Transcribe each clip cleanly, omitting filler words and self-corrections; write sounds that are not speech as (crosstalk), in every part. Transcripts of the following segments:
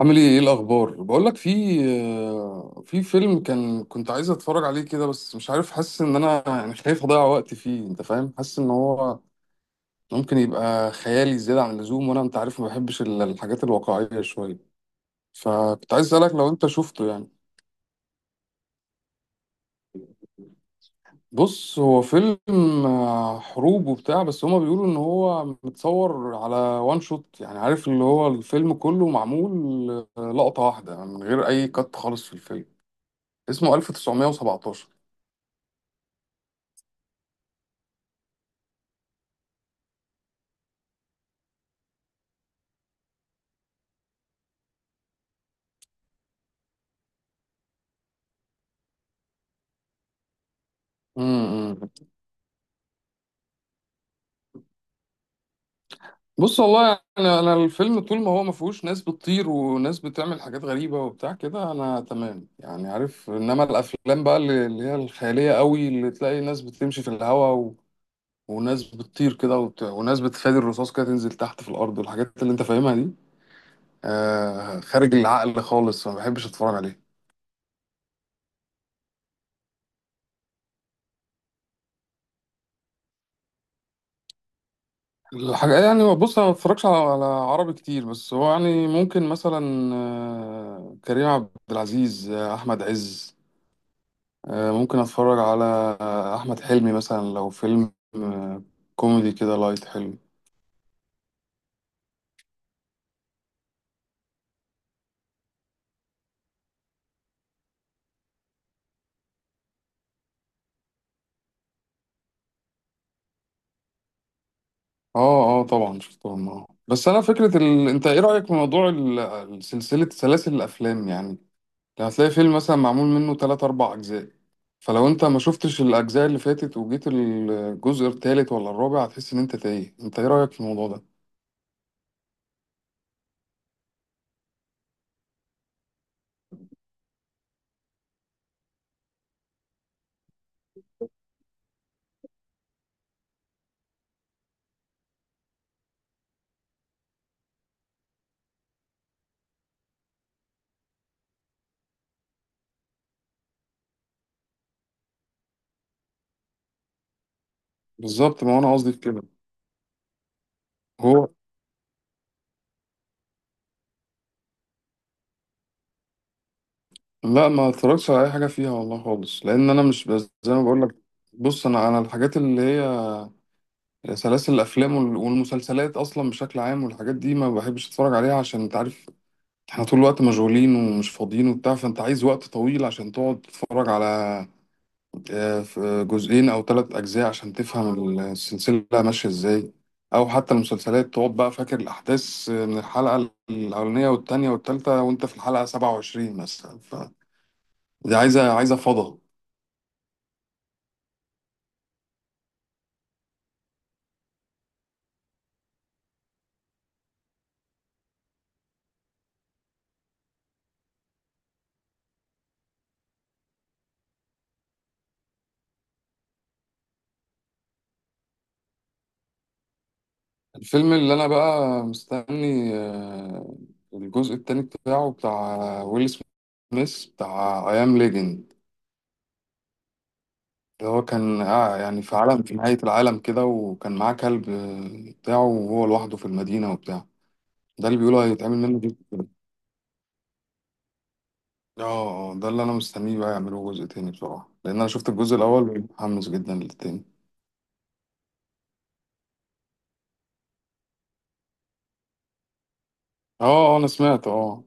عامل ايه الاخبار؟ بقول لك في في فيلم كان كنت عايز اتفرج عليه كده، بس مش عارف، حاسس ان انا يعني خايف اضيع وقت فيه، انت فاهم؟ حاسس ان هو ممكن يبقى خيالي زيادة عن اللزوم، وانا انت عارف ما بحبش الحاجات الواقعية شوية، فكنت عايز اسالك لو انت شفته يعني. بص، هو فيلم حروب وبتاع، بس هما بيقولوا ان هو متصور على وان شوت، يعني عارف اللي هو الفيلم كله معمول لقطة واحدة من غير اي كات خالص في الفيلم. اسمه 1917. امم، بص والله انا الفيلم طول ما هو ما فيهوش ناس بتطير وناس بتعمل حاجات غريبه وبتاع كده، انا تمام يعني، عارف؟ انما الافلام بقى اللي هي الخياليه قوي، اللي تلاقي ناس بتمشي في الهواء وناس بتطير كده وناس بتفادي الرصاص كده تنزل تحت في الارض والحاجات اللي انت فاهمها دي، آه، خارج العقل خالص، ما بحبش اتفرج عليه. الحاجة يعني، بص، أنا ما بتفرجش على عربي كتير، بس هو يعني ممكن مثلا كريم عبد العزيز، أحمد عز، ممكن اتفرج على احمد حلمي مثلا، لو فيلم كوميدي كده لايت حلو. اه اه، طبعا شفتهم، اه. بس انا فكره انت ايه رايك في موضوع سلسله سلاسل الافلام يعني؟ هتلاقي فيلم مثلا معمول منه 3 4 اجزاء، فلو انت ما شفتش الاجزاء اللي فاتت وجيت الجزء الثالث ولا الرابع، هتحس ان انت تايه. انت ايه رايك في الموضوع ده؟ بالظبط، ما هو انا قصدي في كده. هو لا، ما اتفرجتش على اي حاجه فيها والله خالص، لان انا مش، بس زي ما بقول لك، بص، انا الحاجات اللي هي سلاسل الافلام والمسلسلات اصلا بشكل عام والحاجات دي، ما بحبش اتفرج عليها، عشان انت عارف احنا طول الوقت مشغولين ومش فاضيين وبتاع، فانت عايز وقت طويل عشان تقعد تتفرج على جزئين او ثلاث اجزاء عشان تفهم السلسله ماشيه ازاي، او حتى المسلسلات تقعد بقى فاكر الاحداث من الحلقه الاولانيه والتانيه والتالته وانت في الحلقه 27 مثلا، فدي عايزه فضا. الفيلم اللي انا بقى مستني الجزء التاني بتاعه، بتاع ويل سميث، بتاع اي ام ليجند، اللي هو كان آه يعني في عالم، في نهاية العالم كده، وكان معاه كلب بتاعه، وهو لوحده في المدينة وبتاع، ده اللي بيقولوا هيتعمل منه جزء تاني. اه، ده اللي انا مستنيه بقى يعملوه جزء تاني بصراحة، لان انا شفت الجزء الاول ومتحمس جدا للتاني. اه، انا سمعت، اه،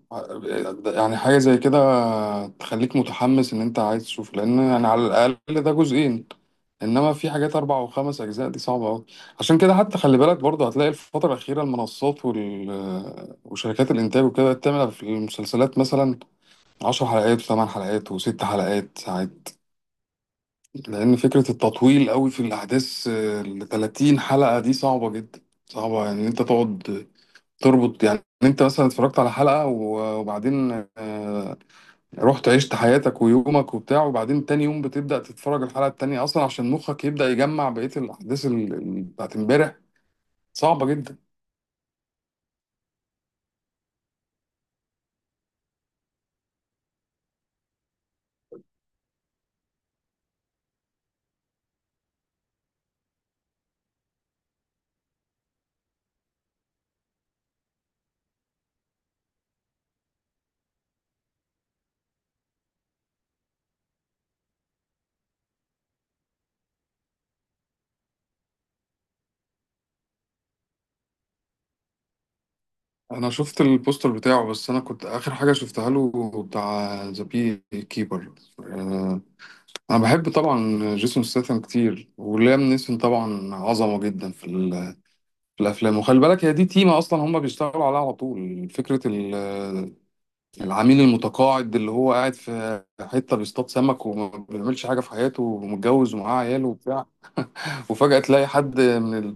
يعني حاجه زي كده تخليك متحمس ان انت عايز تشوف، لان يعني على الاقل ده جزئين، انما في حاجات اربع وخمس اجزاء دي صعبه قوي. عشان كده حتى خلي بالك برضه، هتلاقي الفتره الاخيره المنصات وشركات الانتاج وكده بقت تعمل في المسلسلات مثلا عشر حلقات وثمان حلقات وست حلقات ساعات، لان فكره التطويل قوي في الاحداث ل 30 حلقه دي صعبه جدا. صعبه ان يعني انت تقعد تربط، يعني انت مثلا اتفرجت على حلقة وبعدين رحت عشت حياتك ويومك وبتاع، وبعدين تاني يوم بتبدأ تتفرج الحلقة التانية، اصلا عشان مخك يبدأ يجمع بقية الاحداث بتاعت امبارح، صعبة جدا. انا شفت البوستر بتاعه، بس انا كنت اخر حاجة شفتها له بتاع ذا بي كيبر. انا بحب طبعا جيسون ستاثام كتير، وليام نيسون طبعا عظمة جدا في في الافلام. وخلي بالك هي دي تيمة اصلا هم بيشتغلوا عليها على طول، فكرة العميل المتقاعد اللي هو قاعد في حتة بيصطاد سمك وما بيعملش حاجة في حياته ومتجوز ومعاه عياله وبتاع، وفجأة تلاقي حد من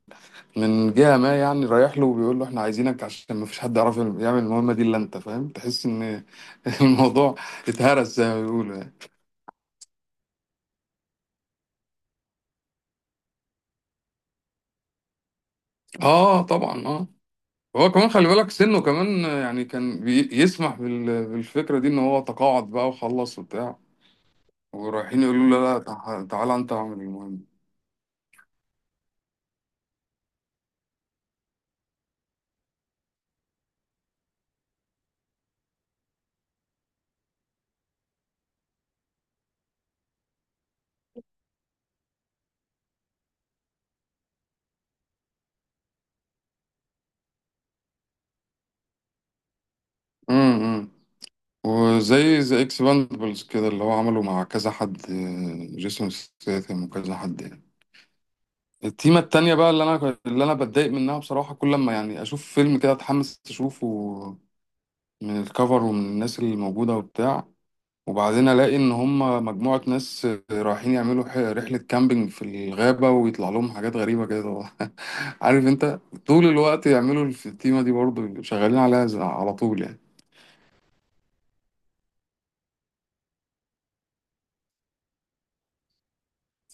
من جهة ما يعني رايح له، وبيقول له احنا عايزينك عشان ما فيش حد يعرف يعمل المهمة دي الا انت، فاهم؟ تحس ان (laughs) الموضوع اتهرس زي ما بيقولوا يعني. اه طبعا، اه. هو كمان خلي بالك سنه كمان، يعني كان يسمح بالفكرة دي ان هو تقاعد بقى وخلص وبتاع، ورايحين يقولوا له لا لا، تعالى انت اعمل المهمة. إمم. وزي اكسباندبلز كده اللي هو عمله مع كذا حد، جيسون ستاثام وكذا حد يعني. التيمة التانية بقى اللي انا بتضايق منها بصراحة، كل ما يعني اشوف فيلم كده اتحمس اشوفه من الكفر ومن الناس اللي موجودة وبتاع، وبعدين الاقي ان هم مجموعة ناس رايحين يعملوا رحلة كامبينج في الغابة، ويطلع لهم حاجات غريبة كده (laughs) عارف انت، طول الوقت يعملوا التيمة دي برضه شغالين عليها على طول يعني.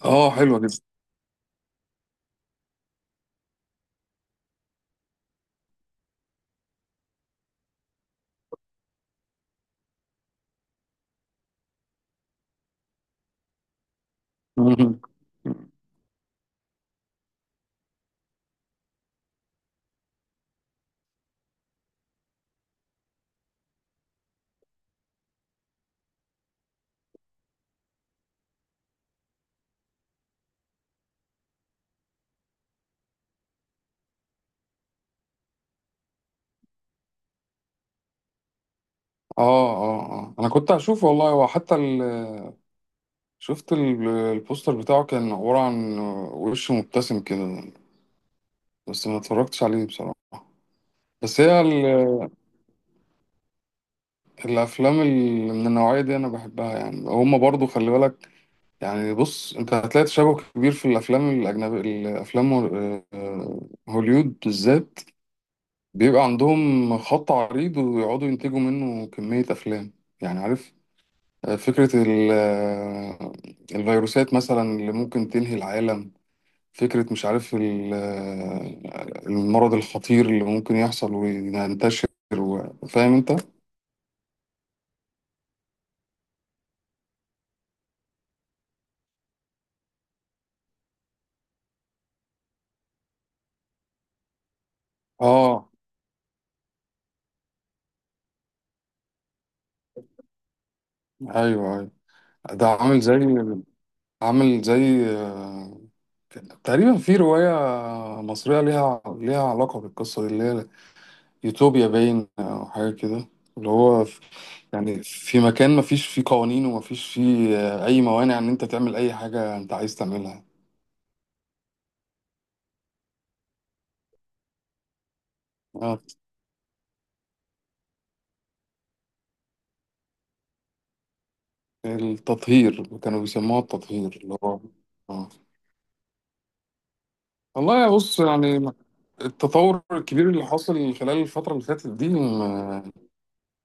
اه حلوة جدا (laughs) اه اه اه، انا كنت هشوفه والله. هو حتى شفت البوستر بتاعه، كان عبارة عن وش مبتسم كده، بس ما اتفرجتش عليه بصراحة. بس هي الافلام اللي من النوعية دي انا بحبها يعني. هما برضو خلي بالك، يعني بص، انت هتلاقي تشابه كبير في الافلام الاجنبي، الافلام هوليود بالذات بيبقى عندهم خط عريض ويقعدوا ينتجوا منه كمية افلام، يعني عارف، فكرة الفيروسات مثلا اللي ممكن تنهي العالم، فكرة مش عارف المرض الخطير اللي ممكن يحصل وينتشر، فاهم انت؟ اه ايوه ايوه. ده عامل زي عامل زي آه، تقريبا في رواية مصرية ليها علاقة بالقصة دي، اللي هي يوتوبيا باين أو حاجة كده، اللي هو يعني في مكان مفيش فيه قوانين ومفيش فيه أي موانع إن أنت تعمل أي حاجة أنت عايز تعملها. آه، التطهير، كانوا بيسموها التطهير اللي هو آه. والله يا بص يعني التطور الكبير اللي حاصل خلال الفترة اللي فاتت دي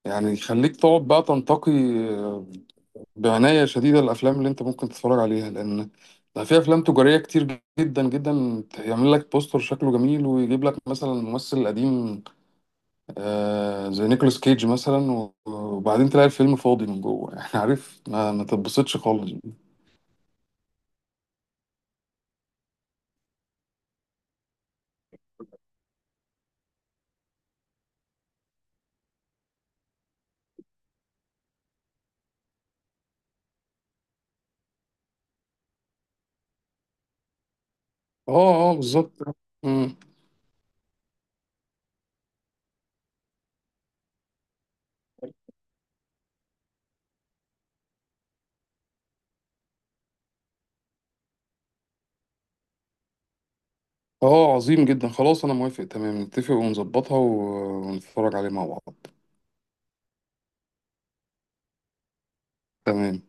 يعني يخليك تقعد بقى تنتقي آه، بعناية شديدة الأفلام اللي أنت ممكن تتفرج عليها، لأن بقى في أفلام تجارية كتير جدا جدا، يعمل لك بوستر شكله جميل ويجيب لك مثلا ممثل قديم زي نيكولاس كيج مثلا، وبعدين تلاقي الفيلم فاضي من جوه (laughs) يعني عارف، ما تتبسطش خالص. اه اه بالظبط. مم. اه عظيم جدا، خلاص انا موافق تمام، نتفق ونظبطها ونتفرج عليه مع بعض. تمام.